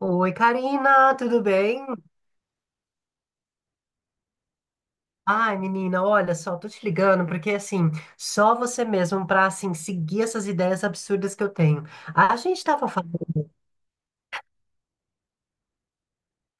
Oi, Karina, tudo bem? Ai, menina, olha só, tô te ligando porque assim, só você mesmo pra assim seguir essas ideias absurdas que eu tenho. A gente tava falando,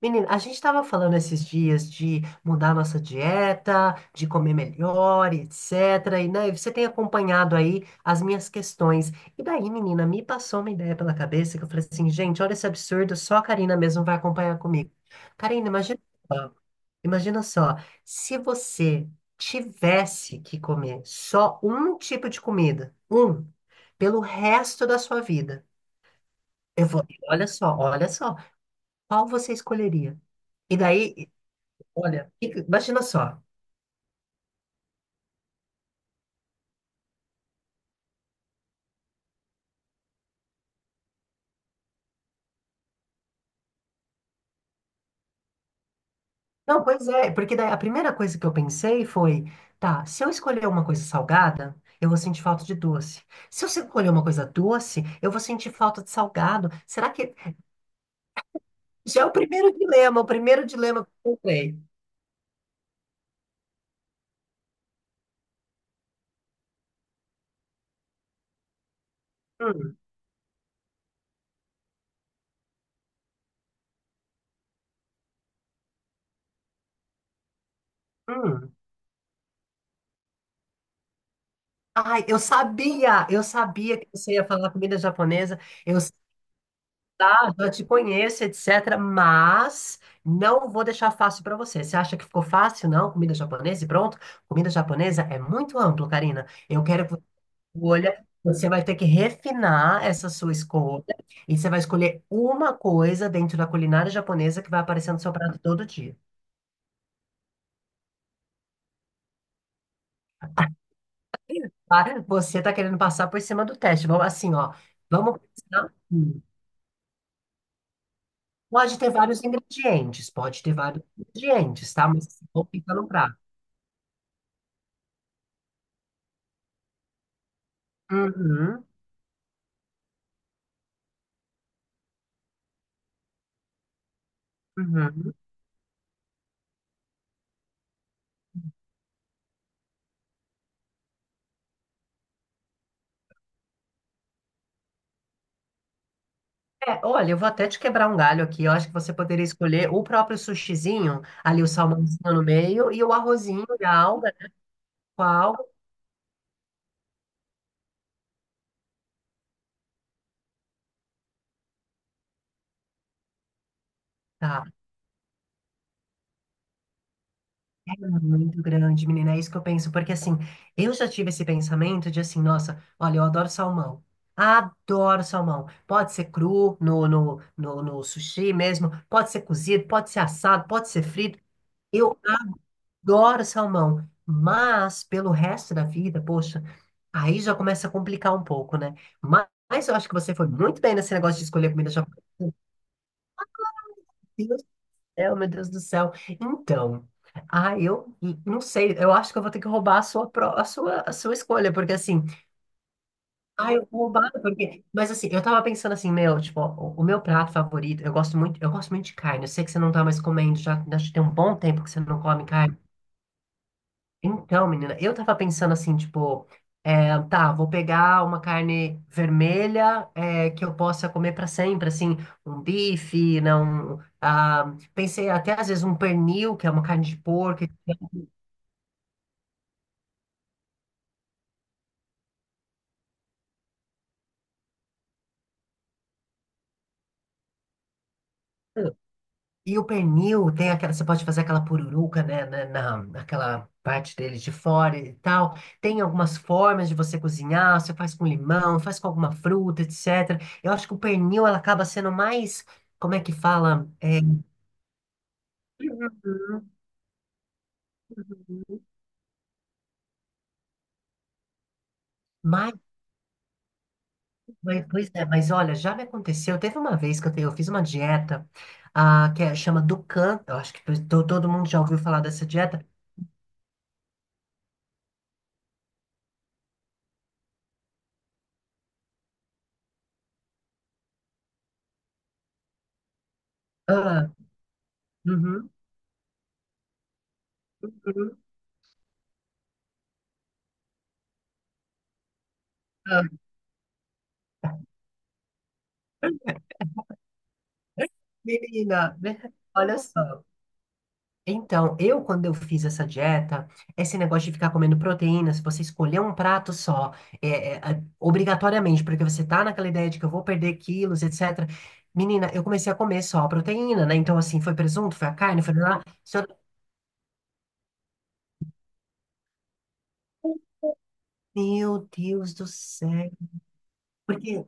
Menina, a gente tava falando esses dias de mudar nossa dieta, de comer melhor, etc. E né, você tem acompanhado aí as minhas questões. E daí, menina, me passou uma ideia pela cabeça que eu falei assim, gente, olha esse absurdo, só a Karina mesmo vai acompanhar comigo. Karina, imagina. Imagina só, se você tivesse que comer só um tipo de comida, um, pelo resto da sua vida, eu vou, olha só, qual você escolheria? E daí, olha, imagina só. Não, pois é, porque daí a primeira coisa que eu pensei foi, tá, se eu escolher uma coisa salgada, eu vou sentir falta de doce. Se eu escolher uma coisa doce, eu vou sentir falta de salgado. Será que já é o primeiro dilema que eu pensei. Hum, hum. Ai, eu sabia que você ia falar comida japonesa. Eu já te conheço, etc. Mas não vou deixar fácil para você. Você acha que ficou fácil? Não, comida japonesa e pronto. Comida japonesa é muito amplo, Karina. Eu quero que você escolha. Você vai ter que refinar essa sua escolha e você vai escolher uma coisa dentro da culinária japonesa que vai aparecer no seu prato todo dia. Para, você tá querendo passar por cima do teste. Vamos assim, ó. Vamos pensar. Pode ter vários ingredientes, pode ter vários ingredientes, tá? Mas assim, vou ficar no prato. Uhum, uhum. É, olha, eu vou até te quebrar um galho aqui. Eu acho que você poderia escolher o próprio sushizinho, ali o salmãozinho no meio, e o arrozinho e a alga, com a alga. Tá, é muito grande, menina. É isso que eu penso, porque assim, eu já tive esse pensamento de assim, nossa, olha, eu adoro salmão. Adoro salmão. Pode ser cru no sushi mesmo, pode ser cozido, pode ser assado, pode ser frito. Eu adoro salmão, mas pelo resto da vida, poxa, aí já começa a complicar um pouco, né? Mas, eu acho que você foi muito bem nesse negócio de escolher comida japonesa. Meu Deus do céu, meu Deus do céu. Então, ah, eu não sei, eu acho que eu vou ter que roubar a sua, a sua escolha, porque assim, ah, eu vou roubar, porque. Mas assim, eu tava pensando assim, meu, tipo, o meu prato favorito, eu gosto muito de carne. Eu sei que você não tá mais comendo, já tem um bom tempo que você não come carne. Então, menina, eu tava pensando assim, tipo, é, tá, vou pegar uma carne vermelha é, que eu possa comer pra sempre, assim, um bife, não, ah, pensei até às vezes um pernil, que é uma carne de porco, e o pernil tem aquela, você pode fazer aquela pururuca, né, naquela parte dele de fora e tal, tem algumas formas de você cozinhar, você faz com limão, faz com alguma fruta, etc. Eu acho que o pernil, ela acaba sendo mais, como é que fala? Eh, uhum, uhum. Mas, pois é, mas olha, já me aconteceu. Teve uma vez que eu, eu fiz uma dieta ah, que é, chama Dukan. Eu acho que todo mundo já ouviu falar dessa dieta. Ah, uhum, uhum. Ah, menina, olha só. Então, quando eu fiz essa dieta, esse negócio de ficar comendo proteína, se você escolher um prato só, obrigatoriamente, porque você tá naquela ideia de que eu vou perder quilos, etc. Menina, eu comecei a comer só a proteína, né? Então, assim, foi presunto, foi a carne, foi lá. Meu Deus do céu. Porque.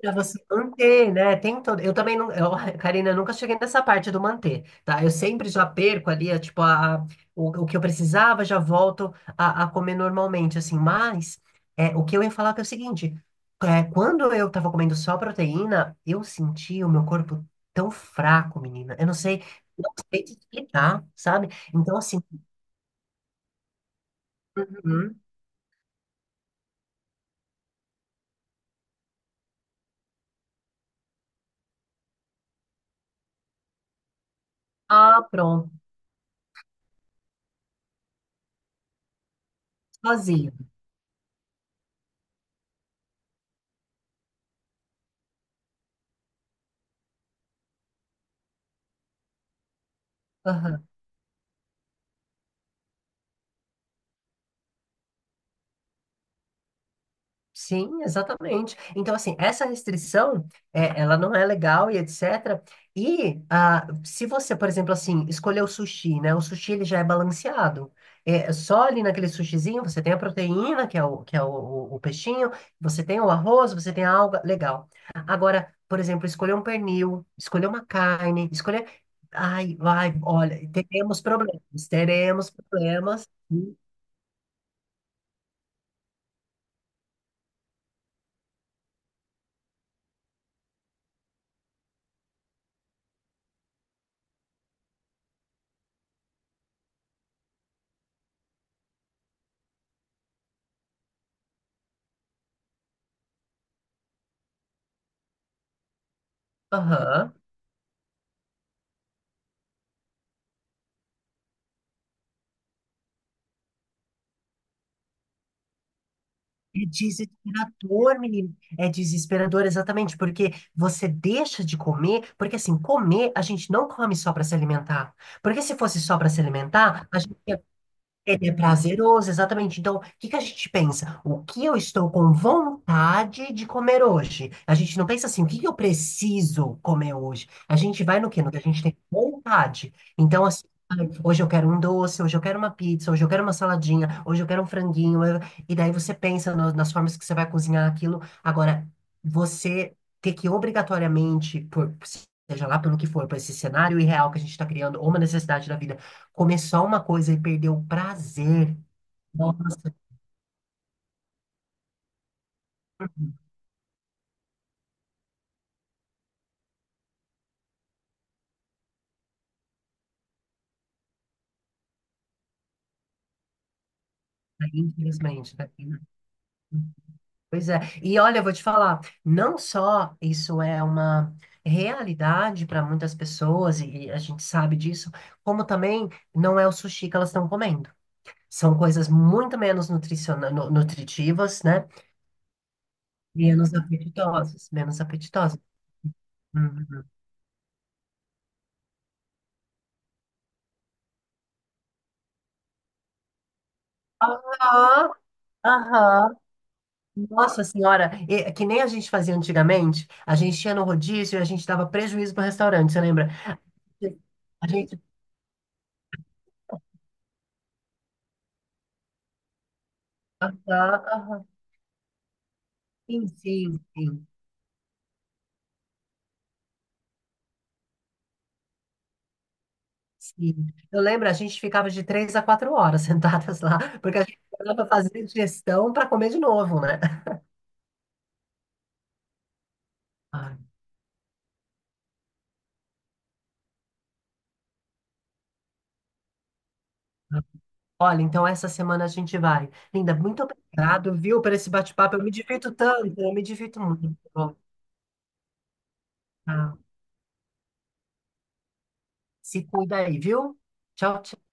Pra você manter, né? Tem um todo... Eu também não. Eu, Karina, eu nunca cheguei nessa parte do manter, tá? Eu sempre já perco ali, é, tipo, o que eu precisava, já volto a comer normalmente, assim. Mas é, o que eu ia falar que é o seguinte: é, quando eu tava comendo só proteína, eu senti o meu corpo tão fraco, menina. Eu não sei, não sei te explicar, sabe? Então, assim, uhum. Ah, pronto, sozinho. Sim, exatamente. Então, assim, essa restrição, é, ela não é legal e etc. E ah, se você, por exemplo, assim, escolher o sushi, né? O sushi, ele já é balanceado. É, é só ali naquele sushizinho, você tem a proteína, que é o peixinho, você tem o arroz, você tem a alga, legal. Agora, por exemplo, escolher um pernil, escolher uma carne, escolher... Ai, vai, olha, teremos problemas, teremos problemas. Aham. É desesperador, menino. É desesperador, exatamente, porque você deixa de comer, porque assim, comer a gente não come só para se alimentar. Porque se fosse só para se alimentar, a gente ia ele é prazeroso, exatamente. Então, o que que a gente pensa? O que eu estou com vontade de comer hoje? A gente não pensa assim, o que que eu preciso comer hoje? A gente vai no quê? No que a gente tem vontade. Então, assim, ai, hoje eu quero um doce, hoje eu quero uma pizza, hoje eu quero uma saladinha, hoje eu quero um franguinho. E daí você pensa nas formas que você vai cozinhar aquilo. Agora, você ter que obrigatoriamente, por, seja lá pelo que for, para esse cenário irreal que a gente está criando, ou uma necessidade da vida começar uma coisa e perder o prazer. Nossa, aí, infelizmente, tá aqui, né? Pois é. E olha, eu vou te falar, não só isso é uma realidade para muitas pessoas, e a gente sabe disso, como também não é o sushi que elas estão comendo. São coisas muito menos nutritivas, né? Menos apetitosas, menos apetitosas. Uhum. Aham, aham. Nossa senhora, que nem a gente fazia antigamente, a gente ia no rodízio e a gente dava prejuízo para o restaurante, você lembra? A gente. Ah, ah, ah, sim, sim, sim, sim. Eu lembro, a gente ficava de 3 a 4 horas sentadas lá, porque a gente precisava fazer digestão para comer de novo, né? Ai, olha, então essa semana a gente vai. Linda, muito obrigado, viu, por esse bate-papo. Eu me divirto tanto, eu me divirto muito. Bom, tá. Se cuida aí, viu? Tchau, tchau.